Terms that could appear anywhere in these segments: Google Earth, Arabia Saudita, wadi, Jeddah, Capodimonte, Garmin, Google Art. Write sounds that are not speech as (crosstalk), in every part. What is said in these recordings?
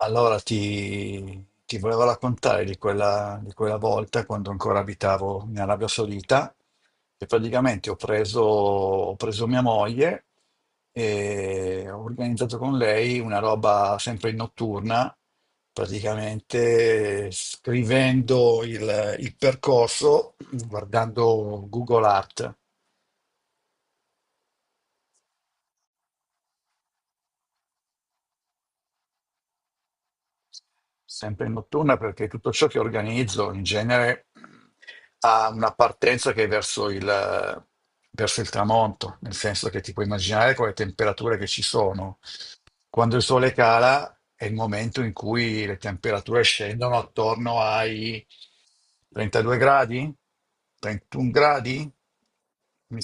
Allora ti volevo raccontare di quella volta quando ancora abitavo in Arabia Saudita e praticamente ho preso mia moglie e ho organizzato con lei una roba sempre notturna, praticamente scrivendo il percorso guardando Google Art. Sempre in notturna, perché tutto ciò che organizzo in genere ha una partenza che è verso il tramonto, nel senso che ti puoi immaginare con le temperature che ci sono. Quando il sole cala è il momento in cui le temperature scendono attorno ai 32 gradi, 31 gradi. Mi-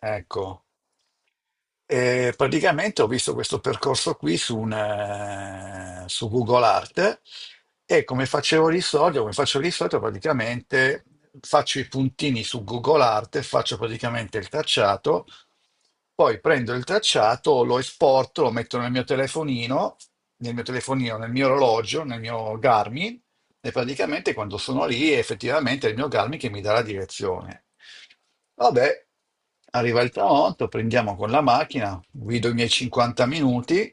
Ecco, e praticamente ho visto questo percorso qui su Google Art, e come facevo di solito, come faccio di solito, praticamente faccio i puntini su Google Art, faccio praticamente il tracciato, poi prendo il tracciato, lo esporto, lo metto nel mio telefonino, nel mio orologio, nel mio Garmin, e praticamente quando sono lì effettivamente è effettivamente il mio Garmin che mi dà la direzione. Vabbè, arriva il tramonto, prendiamo con la macchina, guido i miei 50 minuti,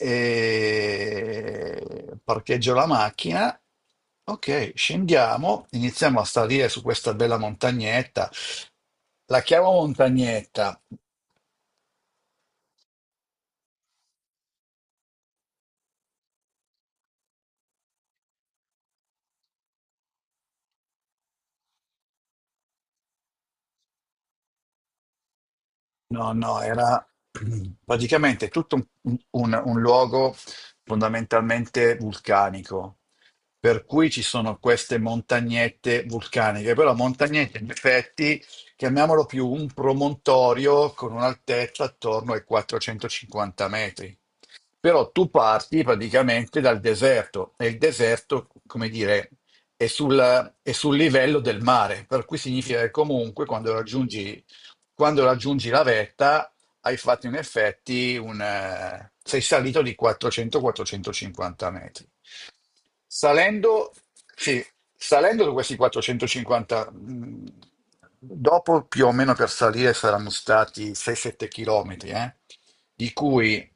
e parcheggio la macchina. Ok, scendiamo, iniziamo a salire su questa bella montagnetta. La chiamo montagnetta. No, no, era praticamente tutto un luogo fondamentalmente vulcanico, per cui ci sono queste montagnette vulcaniche, però montagnette in effetti, chiamiamolo più un promontorio con un'altezza attorno ai 450 metri. Però tu parti praticamente dal deserto e il deserto, come dire, è sul livello del mare, per cui significa che comunque quando raggiungi la vetta hai fatto in effetti sei salito di 400-450 metri. Salendo, sì, salendo da questi 450, dopo più o meno per salire saranno stati 6-7 chilometri, eh? Di cui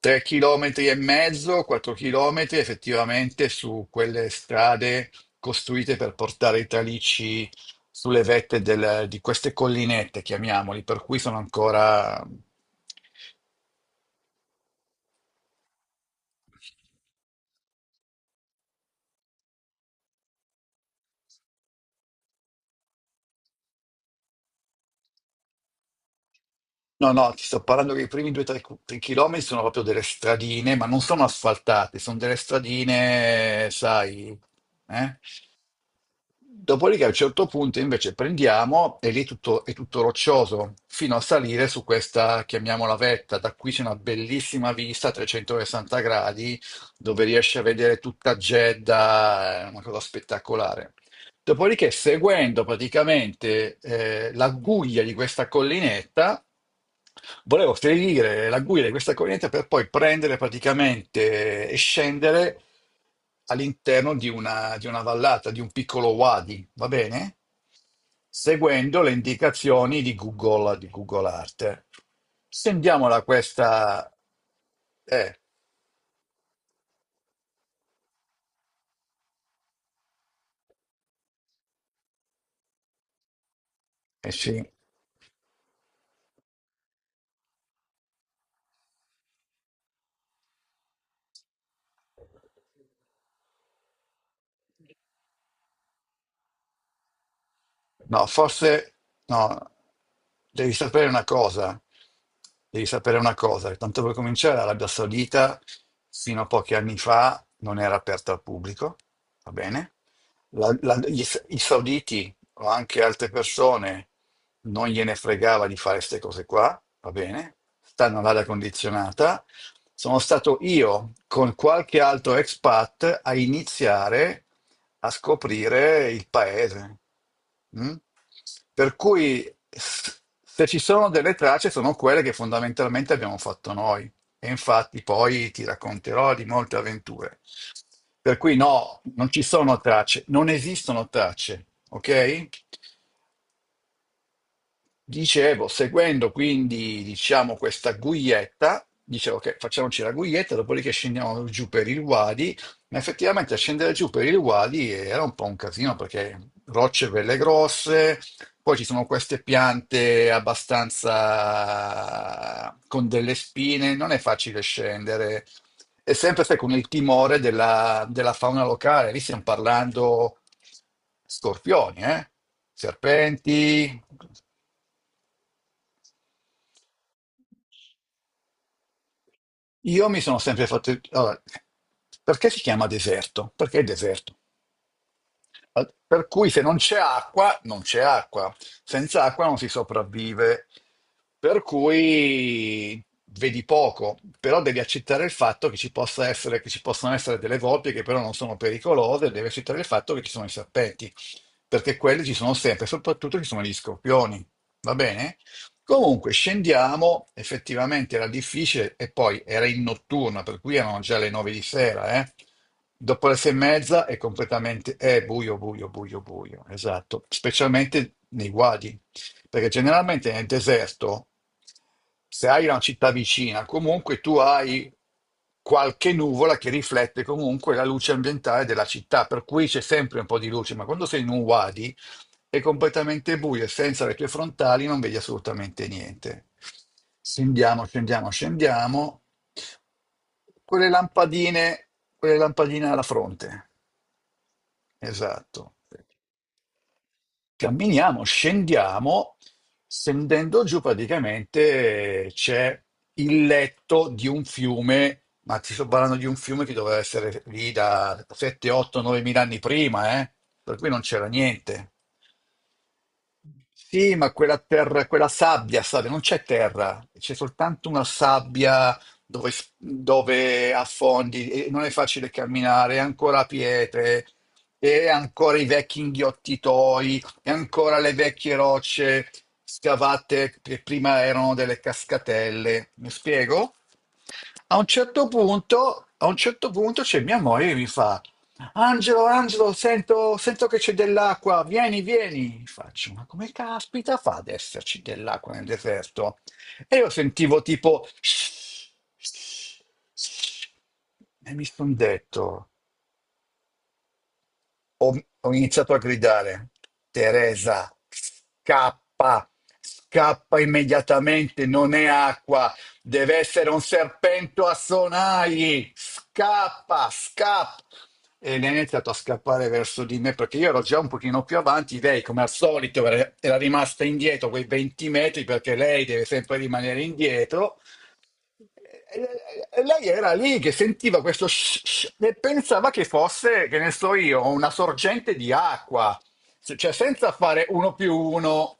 tre chilometri e mezzo, quattro chilometri, effettivamente su quelle strade costruite per portare i tralicci sulle vette di queste collinette, chiamiamoli, per cui sono ancora... No, no, ti sto parlando che i primi 2-3 chilometri sono proprio delle stradine, ma non sono asfaltate, sono delle stradine, sai, eh? Dopodiché a un certo punto invece prendiamo e è tutto roccioso fino a salire su questa, chiamiamola vetta. Da qui c'è una bellissima vista a 360 gradi dove riesci a vedere tutta Jeddah, è una cosa spettacolare. Dopodiché, seguendo praticamente la guglia di questa collinetta, volevo seguire la guglia di questa collinetta per poi prendere praticamente e scendere all'interno di una vallata, di un piccolo wadi, va bene? Seguendo le indicazioni di Google Earth. Scendiamo da questa... Eh, eh sì. No, forse no, devi sapere una cosa, devi sapere una cosa, che tanto per cominciare l'Arabia Saudita fino a pochi anni fa non era aperta al pubblico, va bene? I sauditi o anche altre persone non gliene fregava di fare queste cose qua, va bene, stanno all'aria condizionata. Sono stato io con qualche altro expat a iniziare a scoprire il paese. Mm? Per cui se ci sono delle tracce sono quelle che fondamentalmente abbiamo fatto noi. E infatti poi ti racconterò di molte avventure. Per cui no, non ci sono tracce, non esistono tracce, ok? Dicevo, seguendo quindi, diciamo, questa guietta, dicevo che facciamoci la guietta, dopodiché scendiamo giù per il Wadi, ma effettivamente scendere giù per il Wadi era un po' un casino perché rocce belle grosse, poi ci sono queste piante abbastanza con delle spine, non è facile scendere. E sempre sai, con il timore della fauna locale, lì stiamo parlando scorpioni, eh? Serpenti. Io mi sono sempre fatto... allora, perché si chiama deserto? Perché è deserto. Per cui se non c'è acqua, non c'è acqua. Senza acqua non si sopravvive. Per cui vedi poco, però devi accettare il fatto che ci possa essere, che ci possono essere delle volpi che però non sono pericolose, devi accettare il fatto che ci sono i serpenti, perché quelli ci sono sempre, soprattutto ci sono gli scorpioni. Va bene? Comunque scendiamo, effettivamente era difficile e poi era in notturna, per cui erano già le nove di sera, eh. Dopo le sei e mezza è completamente è buio, buio, buio, buio, esatto, specialmente nei guadi, perché generalmente nel deserto, se hai una città vicina, comunque tu hai qualche nuvola che riflette comunque la luce ambientale della città, per cui c'è sempre un po' di luce, ma quando sei in un wadi è completamente buio e senza le tue frontali non vedi assolutamente niente. Scendiamo, scendiamo, scendiamo. Quelle lampadine, quelle lampadine alla fronte. Esatto. Camminiamo, scendiamo. Scendendo giù praticamente c'è il letto di un fiume, ma ti sto parlando di un fiume che doveva essere lì da 7, 8, 9 mila anni prima, eh? Per cui non c'era niente. Sì, ma quella, terra, quella sabbia, sabbia, non c'è terra, c'è soltanto una sabbia dove, dove affondi e non è facile camminare, è ancora pietre, e ancora i vecchi inghiottitoi, e ancora le vecchie rocce scavate che prima erano delle cascatelle. Mi spiego? A un certo punto c'è mia moglie che mi fa, Angelo, Angelo, sento, sento che c'è dell'acqua, vieni, vieni. Faccio, ma come caspita fa ad esserci dell'acqua nel deserto? E io sentivo tipo... (sniffs) E mi sono detto, ho iniziato a gridare, Teresa, scappa, scappa immediatamente, non è acqua, deve essere un serpento a sonagli, scappa, scappa. E lei ha iniziato a scappare verso di me perché io ero già un pochino più avanti, lei come al solito era rimasta indietro quei 20 metri perché lei deve sempre rimanere indietro e lei era lì che sentiva questo sh- sh- e pensava che fosse, che ne so io, una sorgente di acqua. Cioè senza fare uno più uno.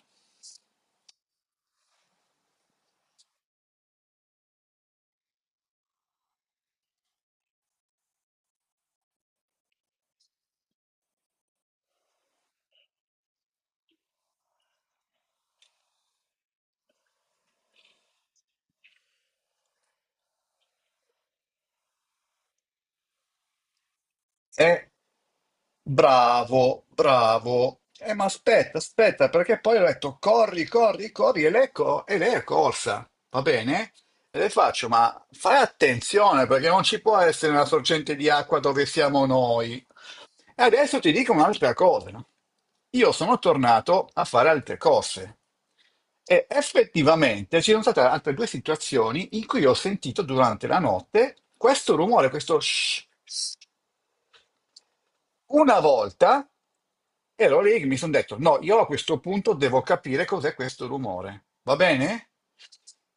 Eh, bravo, bravo. Ma aspetta, aspetta, perché poi ho detto corri, corri, corri, e lei è corsa, va bene? E le faccio, ma fai attenzione perché non ci può essere una sorgente di acqua dove siamo noi. E adesso ti dico un'altra cosa. No? Io sono tornato a fare altre cose e effettivamente ci sono state altre due situazioni in cui ho sentito durante la notte questo rumore, questo shh, shh. Una volta, e allora lì che mi sono detto, no, io a questo punto devo capire cos'è questo rumore. Va bene?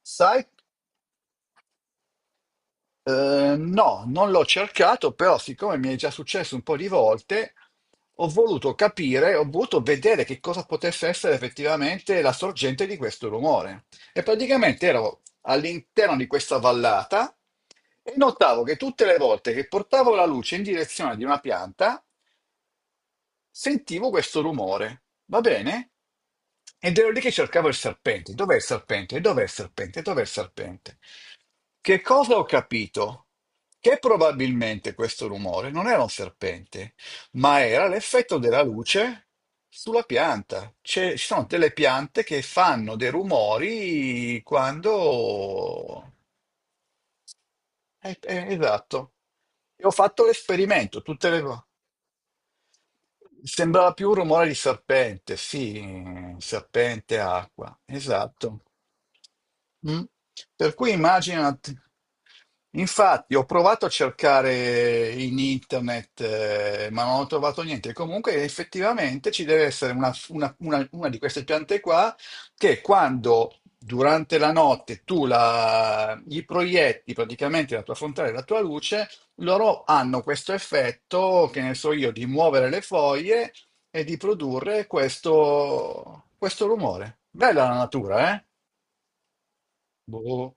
Sai? No, non l'ho cercato, però siccome mi è già successo un po' di volte, ho voluto capire, ho voluto vedere che cosa potesse essere effettivamente la sorgente di questo rumore. E praticamente ero all'interno di questa vallata e notavo che tutte le volte che portavo la luce in direzione di una pianta, sentivo questo rumore, va bene? Ed ero lì che cercavo il serpente. Dov'è il serpente? Dov'è il serpente? Dov'è il serpente? Che cosa ho capito? Che probabilmente questo rumore non era un serpente, ma era l'effetto della luce sulla pianta. Ci sono delle piante che fanno dei rumori quando... esatto. E ho fatto l'esperimento tutte le volte. Sembrava più un rumore di serpente, sì, serpente, acqua, esatto. Mm? Per cui immaginati, infatti ho provato a cercare in internet, ma non ho trovato niente. Comunque effettivamente ci deve essere una di queste piante qua che quando durante la notte tu la, gli proietti praticamente la tua frontale, la tua luce, loro hanno questo effetto, che ne so io, di muovere le foglie e di produrre questo rumore. Bella la natura, eh? Boh.